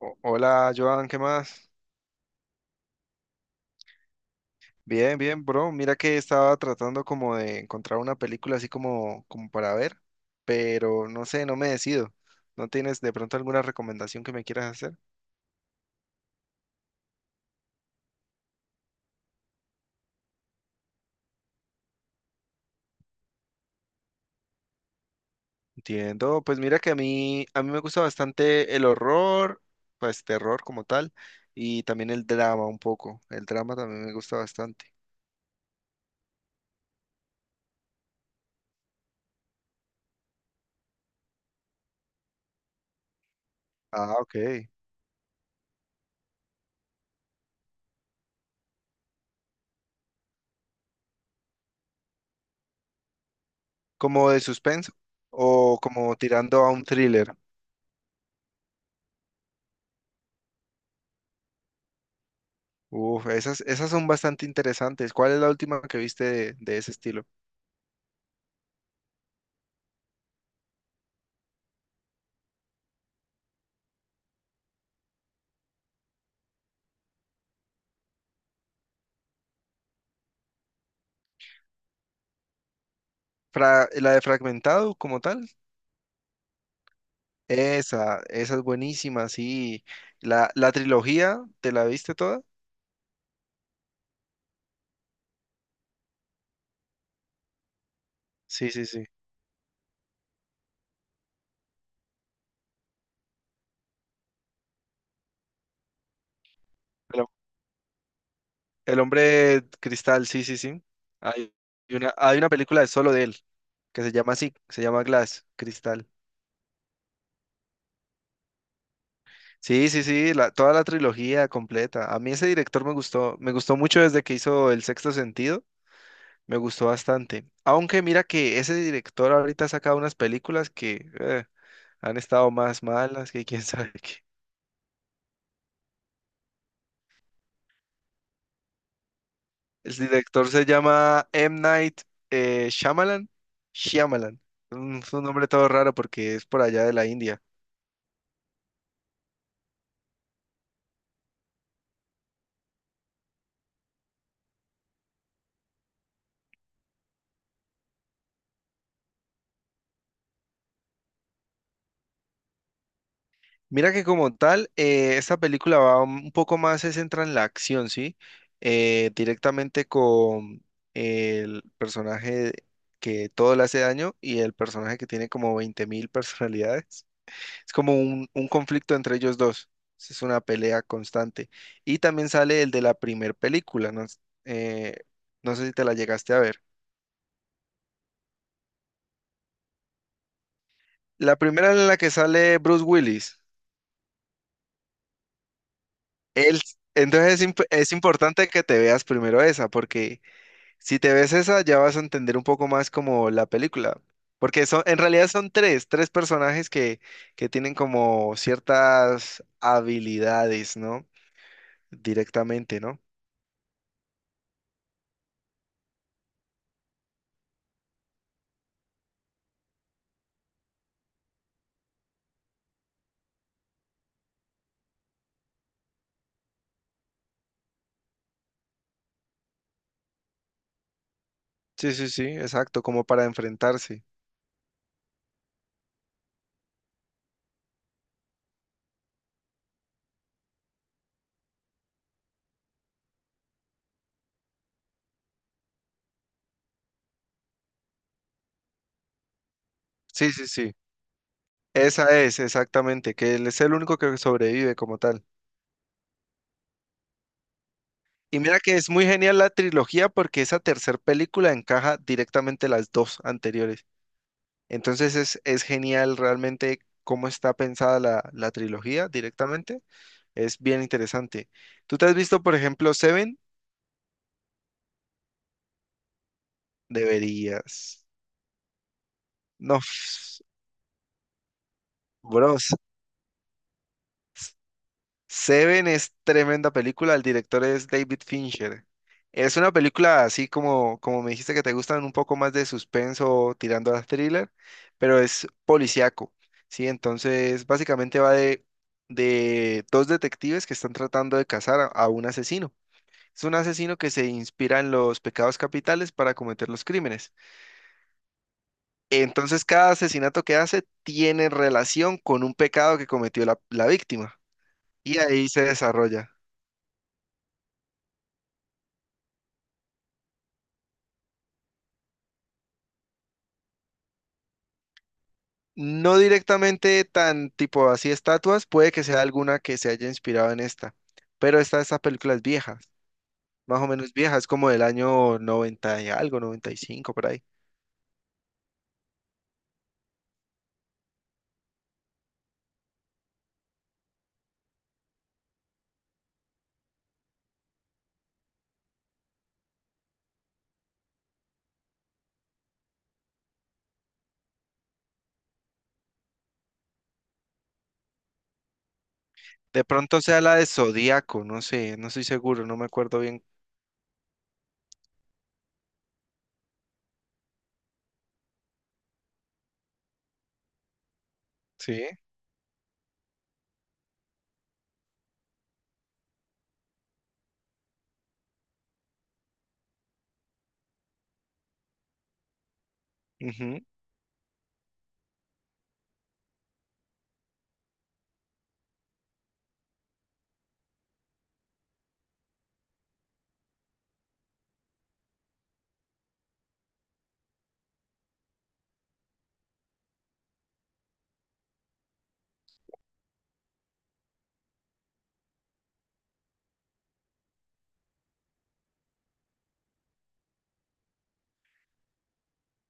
Hola, Joan, ¿qué más? Bien, bien, bro. Mira que estaba tratando como de encontrar una película así como para ver, pero no sé, no me decido. ¿No tienes de pronto alguna recomendación que me quieras hacer? Entiendo. Pues mira que a mí me gusta bastante el horror, pues terror como tal, y también el drama un poco. El drama también me gusta bastante. Ah, ok. ¿Como de suspenso o como tirando a un thriller? Uf, esas son bastante interesantes. ¿Cuál es la última que viste de ese estilo? La de Fragmentado como tal. Esa es buenísima, sí. La trilogía, ¿te la viste toda? Sí, sí, sí. El, hom- el hombre cristal, sí, sí, sí. Hay hay una película de solo de él, que se llama así, se llama Glass, Cristal. Sí, sí, sí, toda la trilogía completa. A mí ese director me gustó mucho desde que hizo El Sexto Sentido. Me gustó bastante. Aunque mira que ese director ahorita ha sacado unas películas que han estado más malas que quién sabe qué. El director se llama M. Night Shyamalan. Shyamalan. Es un nombre todo raro porque es por allá de la India. Mira que como tal, esta película va un poco más, se centra en la acción, ¿sí? Directamente con el personaje que todo le hace daño y el personaje que tiene como 20.000 personalidades. Es como un conflicto entre ellos dos. Es una pelea constante. Y también sale el de la primer película. No, eh, no sé si te la llegaste a ver. La primera en la que sale Bruce Willis. Él, entonces es, es importante que te veas primero esa, porque si te ves esa ya vas a entender un poco más como la película. Porque son, en realidad son tres personajes que tienen como ciertas habilidades, ¿no? Directamente, ¿no? Sí, sí, sí, exacto, como para enfrentarse. Sí, sí, sí. Esa es, exactamente, que él es el único que sobrevive como tal. Y mira que es muy genial la trilogía porque esa tercer película encaja directamente las dos anteriores. Entonces es genial realmente cómo está pensada la trilogía directamente. Es bien interesante. ¿Tú te has visto, por ejemplo, Seven? Deberías. No, bro, Seven es tremenda película, el director es David Fincher. Es una película así como me dijiste que te gustan un poco más de suspenso tirando a thriller, pero es policíaco, ¿sí? Entonces básicamente va de dos detectives que están tratando de cazar a un asesino. Es un asesino que se inspira en los pecados capitales para cometer los crímenes. Entonces cada asesinato que hace tiene relación con un pecado que cometió la víctima y ahí se desarrolla. No directamente tan tipo así estatuas, puede que sea alguna que se haya inspirado en esta, pero esta película es vieja, más o menos vieja, es como del año 90 y algo, 95 por ahí. De pronto sea la de Zodíaco, no sé, no estoy seguro, no me acuerdo bien. Sí.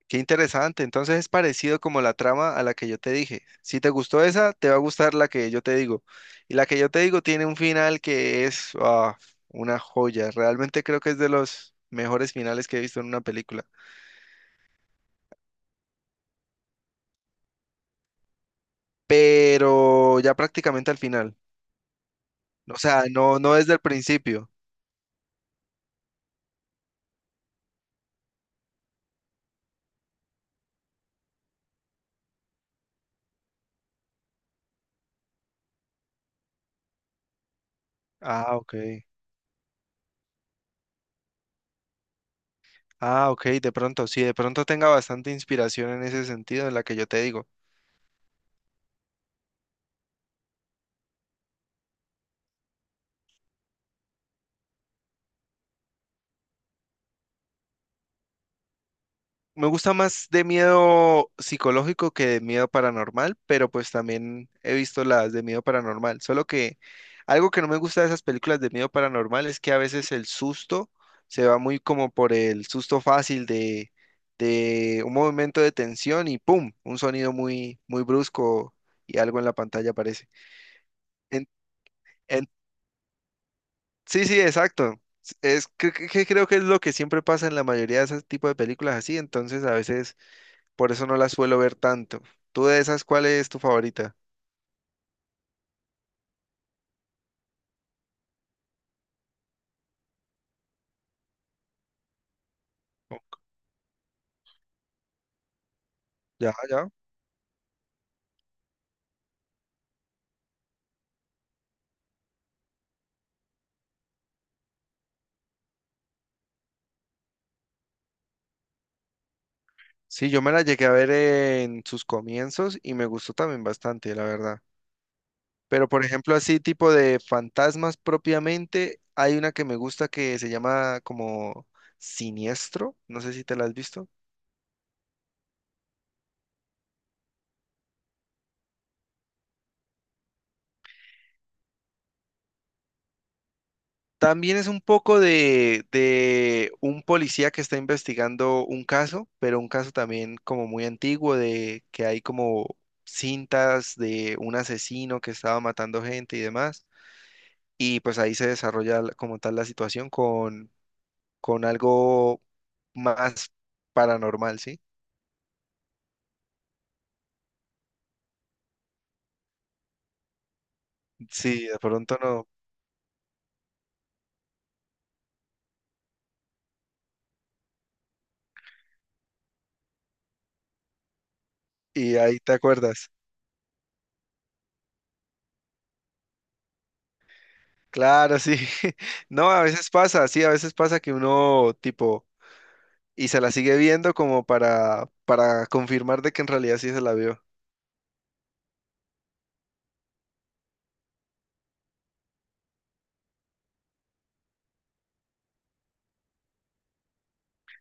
Qué interesante. Entonces es parecido como la trama a la que yo te dije. Si te gustó esa, te va a gustar la que yo te digo. Y la que yo te digo tiene un final que es una joya. Realmente creo que es de los mejores finales que he visto en una película. Pero ya prácticamente al final. O sea, no, no desde el principio. Ah, ok. Ah, ok, de pronto, sí, de pronto tenga bastante inspiración en ese sentido en la que yo te digo. Me gusta más de miedo psicológico que de miedo paranormal, pero pues también he visto las de miedo paranormal. Solo que algo que no me gusta de esas películas de miedo paranormal es que a veces el susto se va muy como por el susto fácil de un movimiento de tensión y ¡pum! Un sonido muy, muy brusco y algo en la pantalla aparece. En- en- sí, sí, exacto. Es que creo que es lo que siempre pasa en la mayoría de ese tipo de películas así, entonces a veces. Por eso no la suelo ver tanto. ¿Tú de esas cuál es tu favorita? Oh, ya, ya. Sí, yo me la llegué a ver en sus comienzos y me gustó también bastante, la verdad. Pero por ejemplo, así tipo de fantasmas propiamente, hay una que me gusta que se llama como Siniestro. No sé si te la has visto. También es un poco de un policía que está investigando un caso, pero un caso también como muy antiguo de que hay como cintas de un asesino que estaba matando gente y demás. Y pues ahí se desarrolla como tal la situación con, algo más paranormal, ¿sí? Sí, de pronto no. Y ahí te acuerdas. Claro, sí. No, a veces pasa, sí, a veces pasa que uno tipo y se la sigue viendo como para confirmar de que en realidad sí se la vio.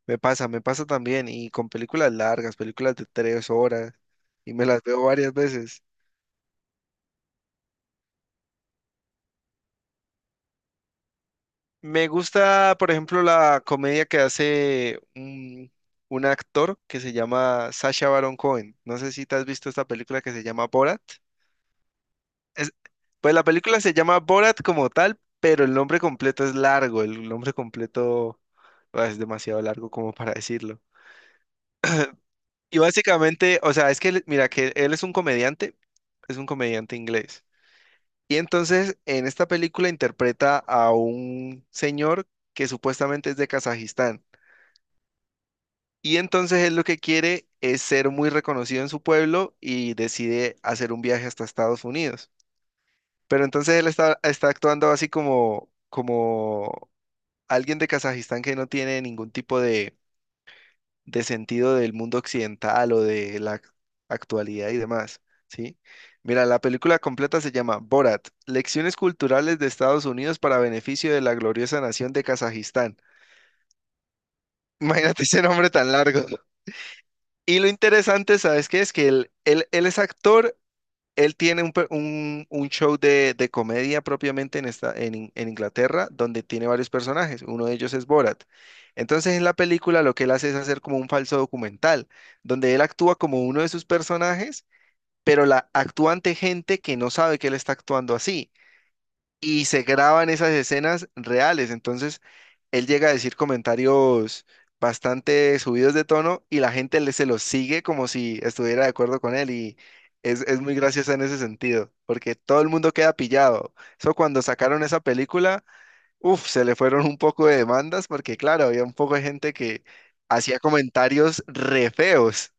Me pasa también, y con películas largas, películas de 3 horas, y me las veo varias veces. Me gusta, por ejemplo, la comedia que hace un actor que se llama Sacha Baron Cohen. No sé si te has visto esta película que se llama Borat. Es- pues la película se llama Borat como tal, pero el nombre completo es largo, el nombre completo es demasiado largo como para decirlo. Y básicamente, o sea, es que, mira, que él es un comediante inglés. Y entonces, en esta película interpreta a un señor que supuestamente es de Kazajistán. Y entonces él lo que quiere es ser muy reconocido en su pueblo y decide hacer un viaje hasta Estados Unidos. Pero entonces él está actuando así como, como alguien de Kazajistán que no tiene ningún tipo de sentido del mundo occidental o de la actualidad y demás, ¿sí? Mira, la película completa se llama Borat, Lecciones culturales de Estados Unidos para beneficio de la gloriosa nación de Kazajistán. Imagínate ese nombre tan largo. Y lo interesante, ¿sabes qué? Es que él es actor él tiene un show de comedia propiamente en, esta, en, In- en Inglaterra, donde tiene varios personajes. Uno de ellos es Borat. Entonces, en la película lo que él hace es hacer como un falso documental, donde él actúa como uno de sus personajes, pero la actúa ante gente que no sabe que él está actuando así y se graban esas escenas reales. Entonces, él llega a decir comentarios bastante subidos de tono y la gente le, se los sigue como si estuviera de acuerdo con él y es muy graciosa en ese sentido, porque todo el mundo queda pillado. Eso cuando sacaron esa película, uff, se le fueron un poco de demandas porque claro, había un poco de gente que hacía comentarios re feos.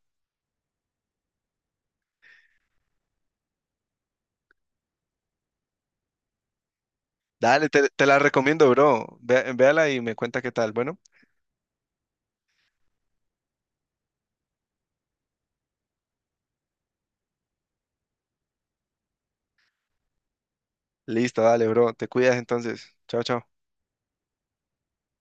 Dale, te la recomiendo, bro. Véala y me cuenta qué tal. Bueno, listo, dale, bro. Te cuidas entonces. Chao, chao.